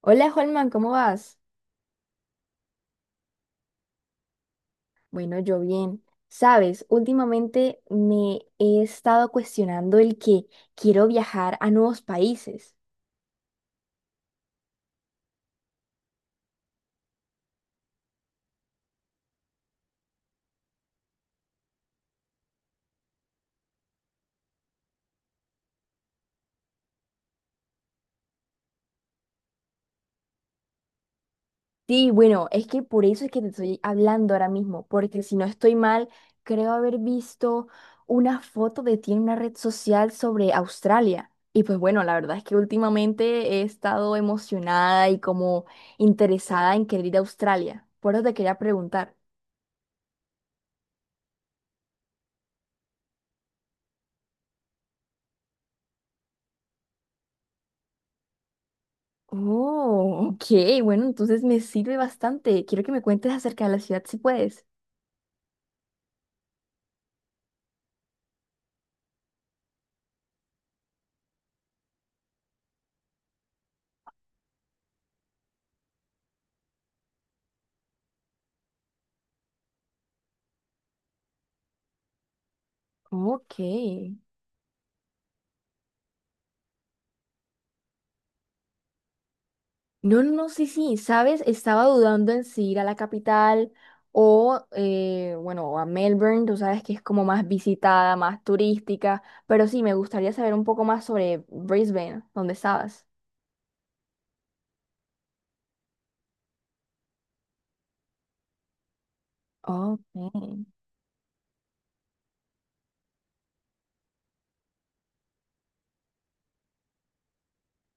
Hola, Holman, ¿cómo vas? Bueno, yo bien. Sabes, últimamente me he estado cuestionando el que quiero viajar a nuevos países. Sí, bueno, es que por eso es que te estoy hablando ahora mismo, porque si no estoy mal, creo haber visto una foto de ti en una red social sobre Australia. Y pues bueno, la verdad es que últimamente he estado emocionada y como interesada en querer ir a Australia. Por eso te quería preguntar. Oh, ok, bueno, entonces me sirve bastante. Quiero que me cuentes acerca de la ciudad si puedes. Ok. No, sí, sí, sabes, estaba dudando en si ir a la capital o, bueno, o a Melbourne, tú sabes que es como más visitada, más turística, pero sí, me gustaría saber un poco más sobre Brisbane, donde estabas. Ok,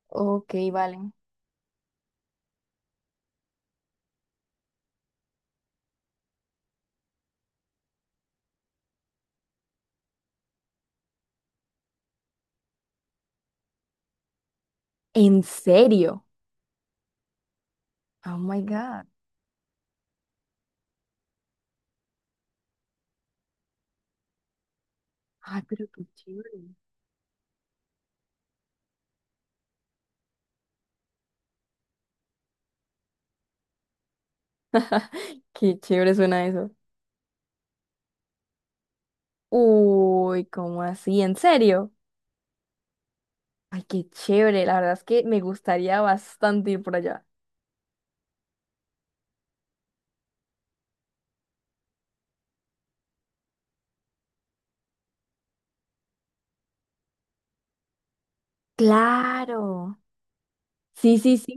ok, vale. ¿En serio? Oh my God. Ay, pero qué chévere. Qué chévere suena eso. Uy, ¿cómo así? ¿En serio? Ay, qué chévere. La verdad es que me gustaría bastante ir por allá. Claro. Sí, sí, sí.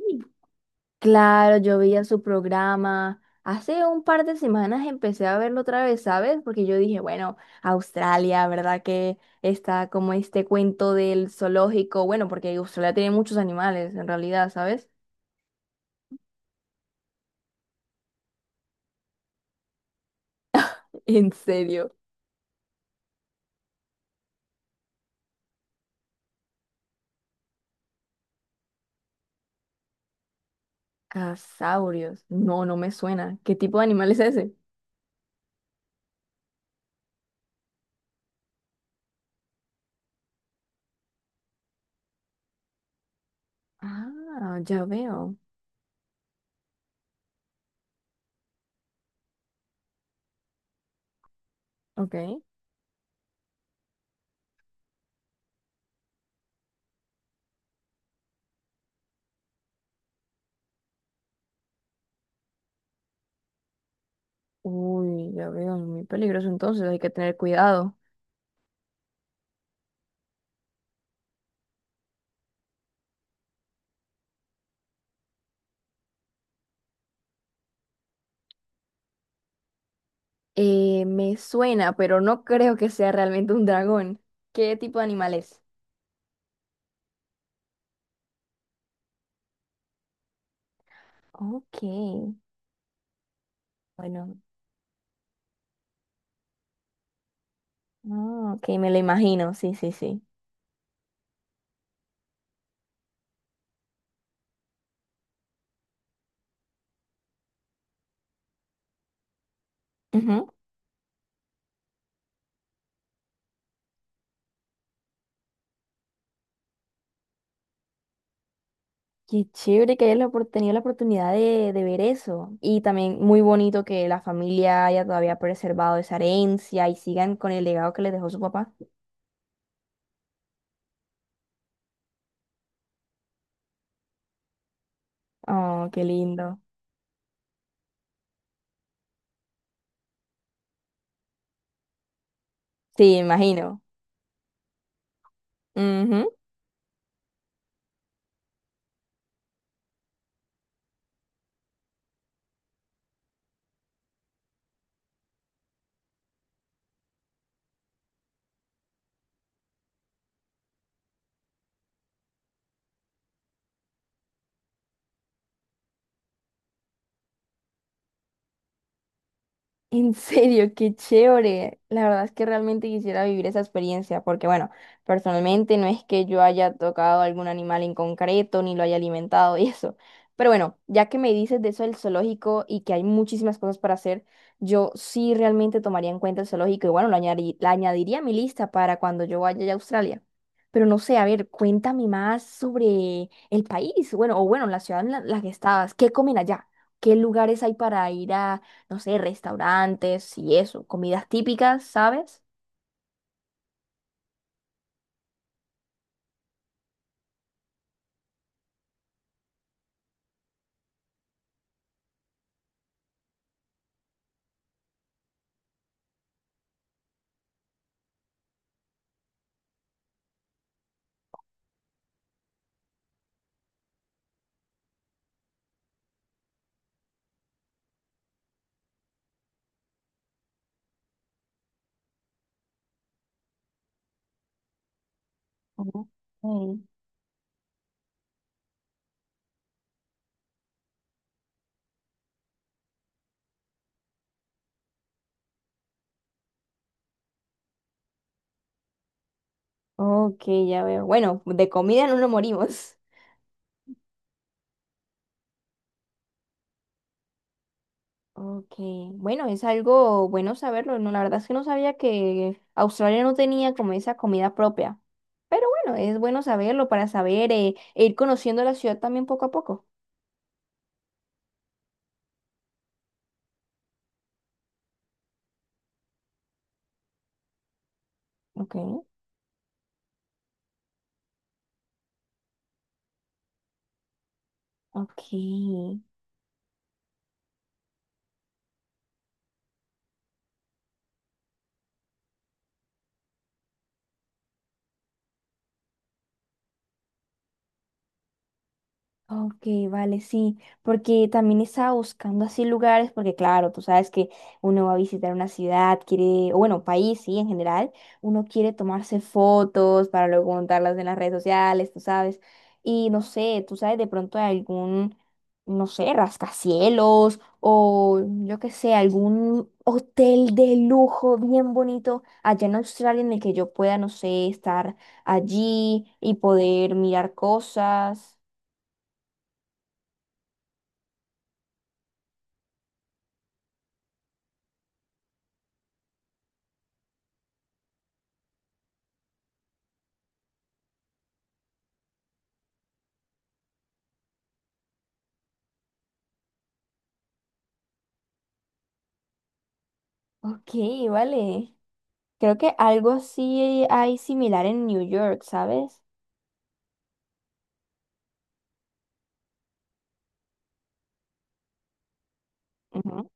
Claro, yo veía su programa. Hace un par de semanas empecé a verlo otra vez, ¿sabes? Porque yo dije, bueno, Australia, ¿verdad? Que está como este cuento del zoológico. Bueno, porque Australia tiene muchos animales, en realidad, ¿sabes? ¿En serio? Casaurios. No, no me suena. ¿Qué tipo de animal es ese? Ah, ya veo. Ok. Uy, ya veo, muy peligroso entonces, hay que tener cuidado. Me suena, pero no creo que sea realmente un dragón. ¿Qué tipo de animal es? Ok, bueno, ah, ok, me lo imagino, sí, sí, sí. Ujú. Qué chévere que hayas tenido la oportunidad de ver eso. Y también muy bonito que la familia haya todavía preservado esa herencia y sigan con el legado que les dejó su papá. Oh, qué lindo. Sí, imagino. Ujú. En serio, qué chévere. La verdad es que realmente quisiera vivir esa experiencia, porque bueno, personalmente no es que yo haya tocado algún animal en concreto, ni lo haya alimentado y eso. Pero bueno, ya que me dices de eso del zoológico y que hay muchísimas cosas para hacer, yo sí realmente tomaría en cuenta el zoológico y bueno, la añadiría a mi lista para cuando yo vaya a Australia. Pero no sé, a ver, cuéntame más sobre el país, bueno, o bueno, la ciudad en la que estabas, ¿qué comen allá? ¿Qué lugares hay para ir a no sé, restaurantes y eso, comidas típicas, ¿sabes? Ok, ok, ya veo. Bueno, de comida no nos morimos. Ok, bueno, es algo bueno saberlo. No, la verdad es que no sabía que Australia no tenía como esa comida propia. Pero bueno, es bueno saberlo para saber e ir conociendo la ciudad también poco a poco. Ok, ok. Ok, vale, sí, porque también estaba buscando así lugares, porque claro, tú sabes que uno va a visitar una ciudad, quiere, o bueno, país, sí, en general, uno quiere tomarse fotos para luego montarlas en las redes sociales, tú sabes, y no sé, tú sabes de pronto de algún, no sé, rascacielos o yo qué sé, algún hotel de lujo bien bonito allá en Australia en el que yo pueda, no sé, estar allí y poder mirar cosas. Ok, vale. Creo que algo así hay similar en New York, ¿sabes? Ujú.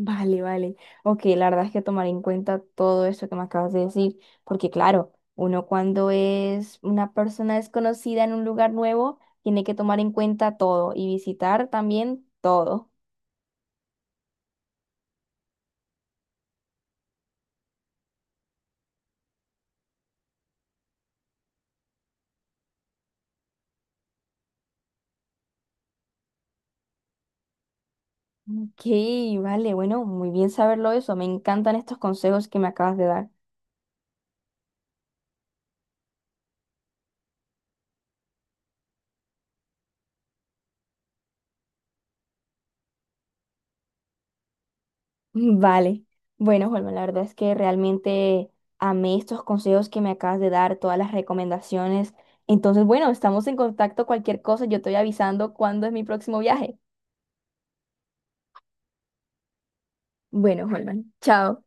Vale, vale. Ok, la verdad es que tomaré en cuenta todo eso que me acabas de decir, porque claro, uno cuando es una persona desconocida en un lugar nuevo, tiene que tomar en cuenta todo y visitar también todo. Ok, vale, bueno, muy bien saberlo eso. Me encantan estos consejos que me acabas de dar. Vale. Bueno, Holman, la verdad es que realmente amé estos consejos que me acabas de dar, todas las recomendaciones. Entonces, bueno, estamos en contacto. Cualquier cosa, yo estoy avisando cuándo es mi próximo viaje. Bueno, Holman, chao.